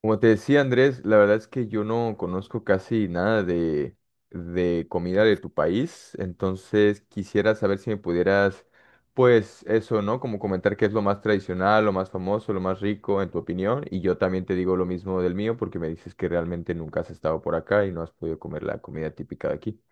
Como te decía Andrés, la verdad es que yo no conozco casi nada de comida de tu país, entonces quisiera saber si me pudieras, pues eso, ¿no? Como comentar qué es lo más tradicional, lo más famoso, lo más rico en tu opinión, y yo también te digo lo mismo del mío porque me dices que realmente nunca has estado por acá y no has podido comer la comida típica de aquí.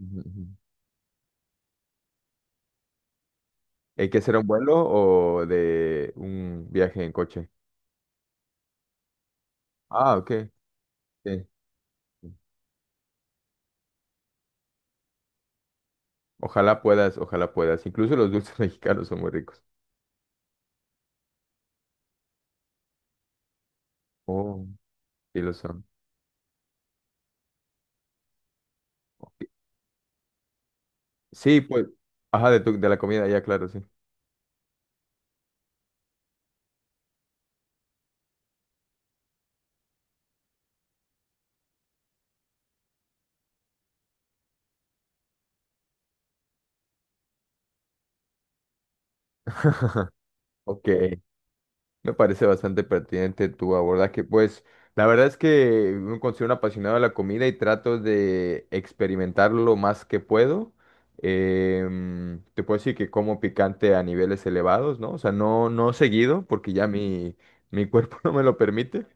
Ujú, ujú. ¿Hay que hacer un vuelo o de un viaje en coche? Ah, ok. Sí. Ojalá puedas, ojalá puedas. Incluso los dulces mexicanos son muy ricos. Oh, sí lo son. Ok. Sí, pues, ajá, de, de la comida, ya, claro, sí. Ok, me parece bastante pertinente tu abordaje. Pues, la verdad es que me considero un apasionado de la comida y trato de experimentar lo más que puedo. Te puedo decir que como picante a niveles elevados, ¿no? O sea, no seguido, porque ya mi cuerpo no me lo permite.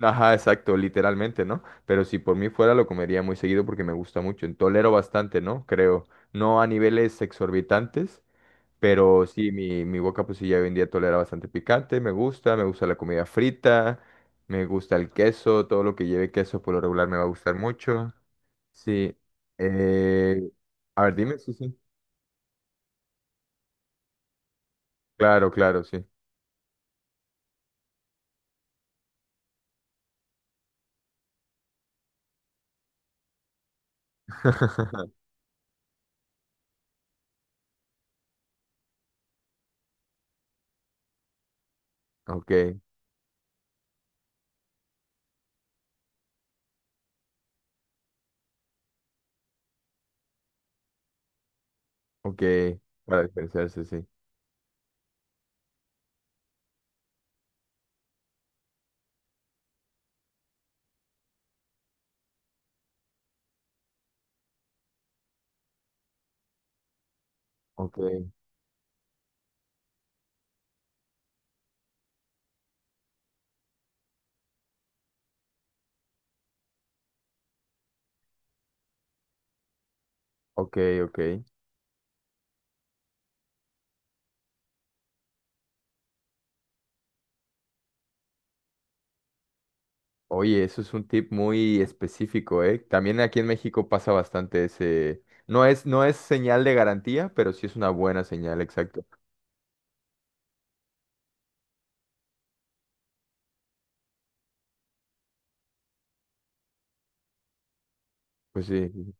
Ajá, exacto, literalmente, ¿no? Pero si por mí fuera lo comería muy seguido porque me gusta mucho. Tolero bastante, ¿no? Creo. No a niveles exorbitantes, pero sí, mi boca pues sí ya hoy en día tolera bastante picante, me gusta la comida frita, me gusta el queso, todo lo que lleve queso por lo regular me va a gustar mucho. Sí. Eh, a ver, dime, sí, sí. Claro, claro, sí. Ok, ok, para diferenciarse, sí. Ok, ok, ok. Oye, eso es un tip muy específico, ¿eh? También aquí en México pasa bastante ese... No es, no es señal de garantía, pero sí es una buena señal, exacto. Pues sí, sí.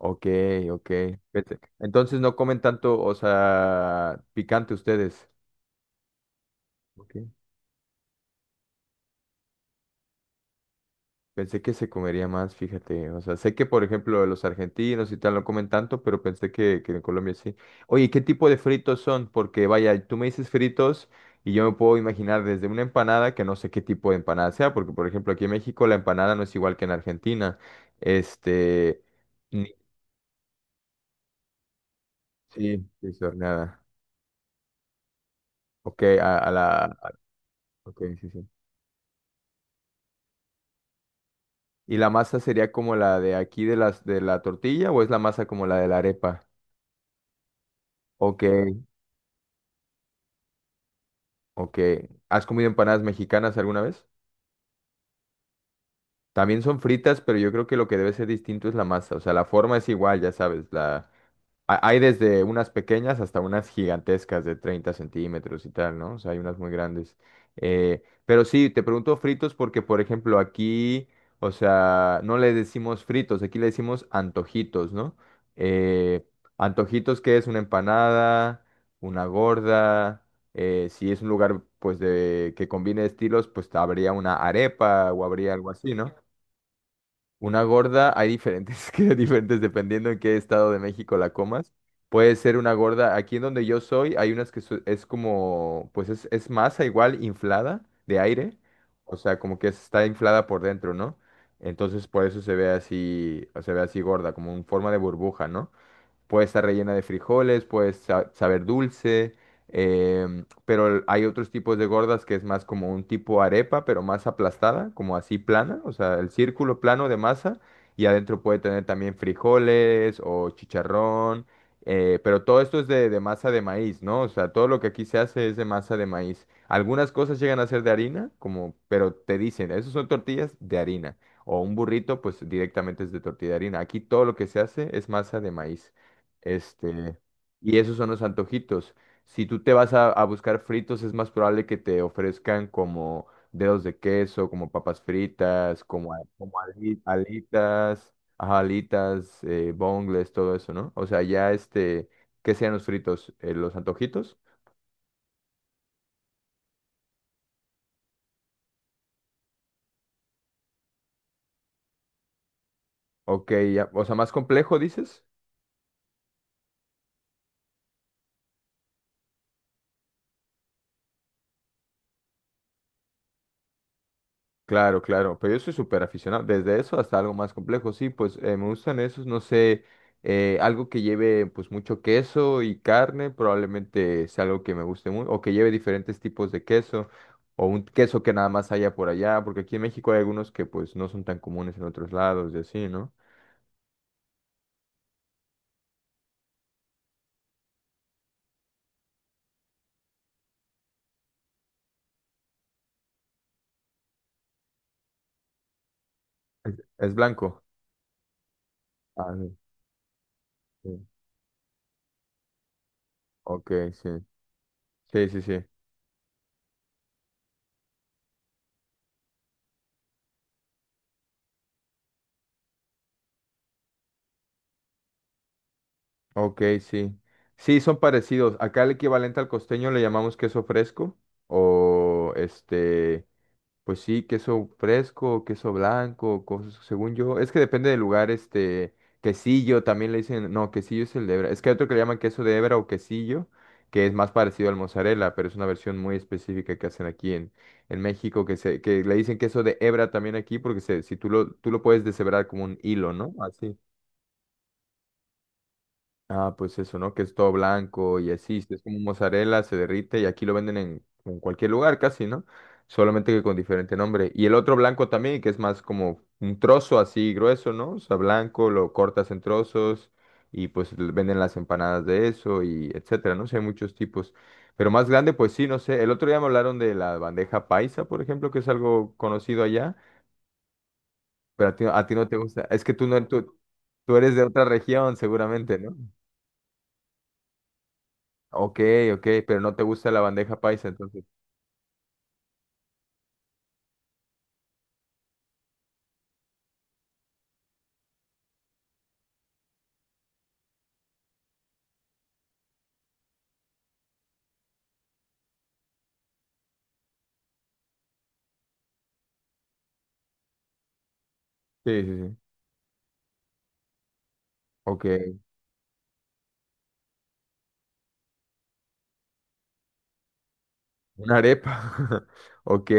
Ok, ok. Vete. Entonces no comen tanto, o sea, picante ustedes. Ok. Pensé que se comería más, fíjate. O sea, sé que, por ejemplo, los argentinos y tal no comen tanto, pero pensé que en Colombia sí. Oye, ¿qué tipo de fritos son? Porque, vaya, tú me dices fritos y yo me puedo imaginar desde una empanada, que no sé qué tipo de empanada sea, porque, por ejemplo, aquí en México la empanada no es igual que en Argentina. Este, ni- sí, sí, es horneada. Ok, a la... ok, sí, sí. ¿Y la masa sería como la de aquí de las de la tortilla o es la masa como la de la arepa? Ok, ok. ¿Has comido empanadas mexicanas alguna vez? También son fritas, pero yo creo que lo que debe ser distinto es la masa. O sea, la forma es igual, ya sabes, hay desde unas pequeñas hasta unas gigantescas de 30 centímetros y tal, ¿no? O sea, hay unas muy grandes. Pero sí, te pregunto fritos porque, por ejemplo, aquí, o sea, no le decimos fritos, aquí le decimos antojitos, ¿no? Eh, Antojitos que es una empanada, una gorda, si es un lugar, pues, de que combine estilos, pues habría una arepa o habría algo así, ¿no? Una gorda, hay diferentes, que diferentes dependiendo en qué estado de México la comas. Puede ser una gorda, aquí en donde yo soy, hay unas que es como, pues es masa igual inflada de aire, o sea, como que está inflada por dentro, ¿no? Entonces por eso se ve así gorda, como en forma de burbuja, ¿no? Puede estar rellena de frijoles, puede saber dulce, em, pero hay otros tipos de gordas que es más como un tipo arepa, pero más aplastada, como así plana, o sea, el círculo plano de masa, y adentro puede tener también frijoles o chicharrón, pero todo esto es de masa de maíz, ¿no? O sea, todo lo que aquí se hace es de masa de maíz. Algunas cosas llegan a ser de harina, como, pero te dicen, esos son tortillas de harina. O un burrito, pues directamente es de tortilla de harina. Aquí todo lo que se hace es masa de maíz. Este, y esos son los antojitos. Si tú te vas a buscar fritos, es más probable que te ofrezcan como dedos de queso, como papas fritas, como, alitas, ajá, alitas, bongles, todo eso, ¿no? O sea, ya este, ¿qué sean los fritos? ¿Los antojitos? Ok, ya, o sea, más complejo, dices. Claro, claro, pero yo soy súper aficionado, desde eso hasta algo más complejo, sí, pues me gustan esos, no sé, algo que lleve pues mucho queso y carne, probablemente sea algo que me guste mucho, o que lleve diferentes tipos de queso, o un queso que nada más haya por allá, porque aquí en México hay algunos que pues no son tan comunes en otros lados y así, ¿no? Es blanco. Ah, sí, sí. Ok, sí, sí, sí, sí, ok, sí. Sí, son parecidos, acá el equivalente al costeño le llamamos queso fresco, o este... Pues sí, queso fresco, queso blanco, cosas, según yo. Es que depende del lugar, este, quesillo también le dicen, no, quesillo es el de hebra. Es que hay otro que le llaman queso de hebra o quesillo, que es más parecido al mozzarella, pero es una versión muy específica que hacen aquí en México, que se, que le dicen queso de hebra también aquí, porque se, si tú lo, tú lo puedes deshebrar como un hilo, ¿no? Así. Ah, pues eso, ¿no? Que es todo blanco y así, si es como mozzarella, se derrite y aquí lo venden en cualquier lugar casi, ¿no? Solamente que con diferente nombre. Y el otro blanco también, que es más como un trozo así grueso, ¿no? O sea, blanco, lo cortas en trozos y pues venden las empanadas de eso y etcétera, ¿no? Sé, hay muchos tipos. Pero más grande, pues sí, no sé. El otro día me hablaron de la bandeja paisa, por ejemplo, que es algo conocido allá, pero a ti no te gusta. Es que tú no, tú eres de otra región, seguramente, ¿no? Ok, ok, pero no te gusta la bandeja paisa, entonces. Sí, sí, sí. Ok, una arepa. Ok,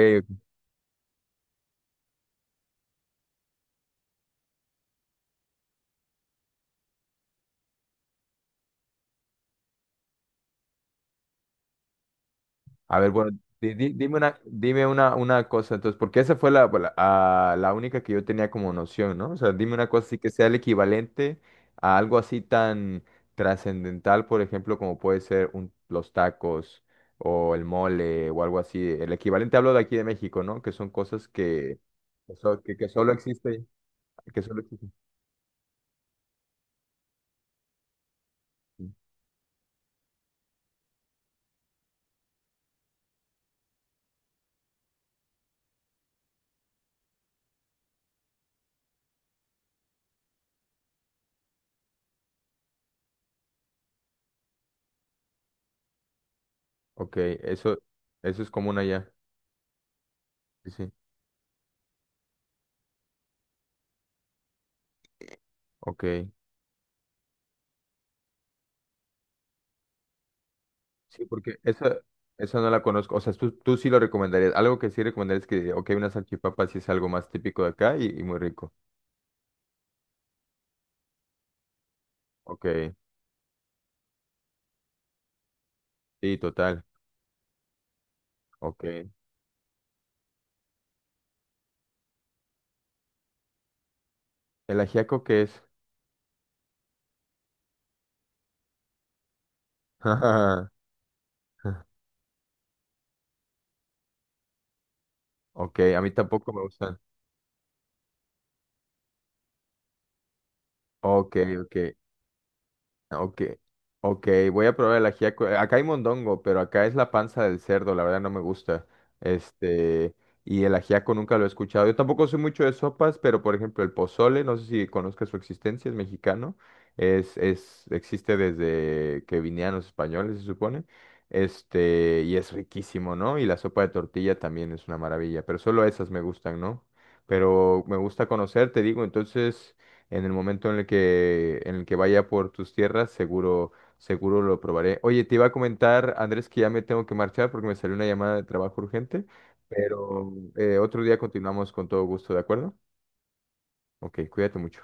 a ver, bueno, dime una, una cosa, entonces, porque esa fue la única que yo tenía como noción, ¿no? O sea, dime una cosa así que sea el equivalente a algo así tan trascendental, por ejemplo, como puede ser los tacos o el mole o algo así. El equivalente hablo de aquí de México, ¿no? Que son cosas que, que solo existe, que solo existe. Ok, eso es común allá. Sí, sí. Ok. Sí, porque esa no la conozco. O sea, tú sí lo recomendarías. Algo que sí recomendarías es que, ok, una salchipapa sí es algo más típico de acá y muy rico. Ok. Sí, total. Ok. ¿El ajiaco qué es? Ok, a mí tampoco me gustan. Ok, ok. Ah, ok, ok, voy a probar el ajiaco. Acá hay mondongo, pero acá es la panza del cerdo, la verdad no me gusta. Este, y el ajiaco nunca lo he escuchado. Yo tampoco soy mucho de sopas, pero por ejemplo el pozole, no sé si conozcas su existencia, es mexicano. Existe desde que vinieron los españoles, se supone. Este, y es riquísimo, ¿no? Y la sopa de tortilla también es una maravilla, pero solo esas me gustan, ¿no? Pero me gusta conocer, te digo, entonces... En el momento en el que vaya por tus tierras, seguro, seguro lo probaré. Oye, te iba a comentar, Andrés, que ya me tengo que marchar porque me salió una llamada de trabajo urgente, pero otro día continuamos con todo gusto, ¿de acuerdo? Ok, cuídate mucho.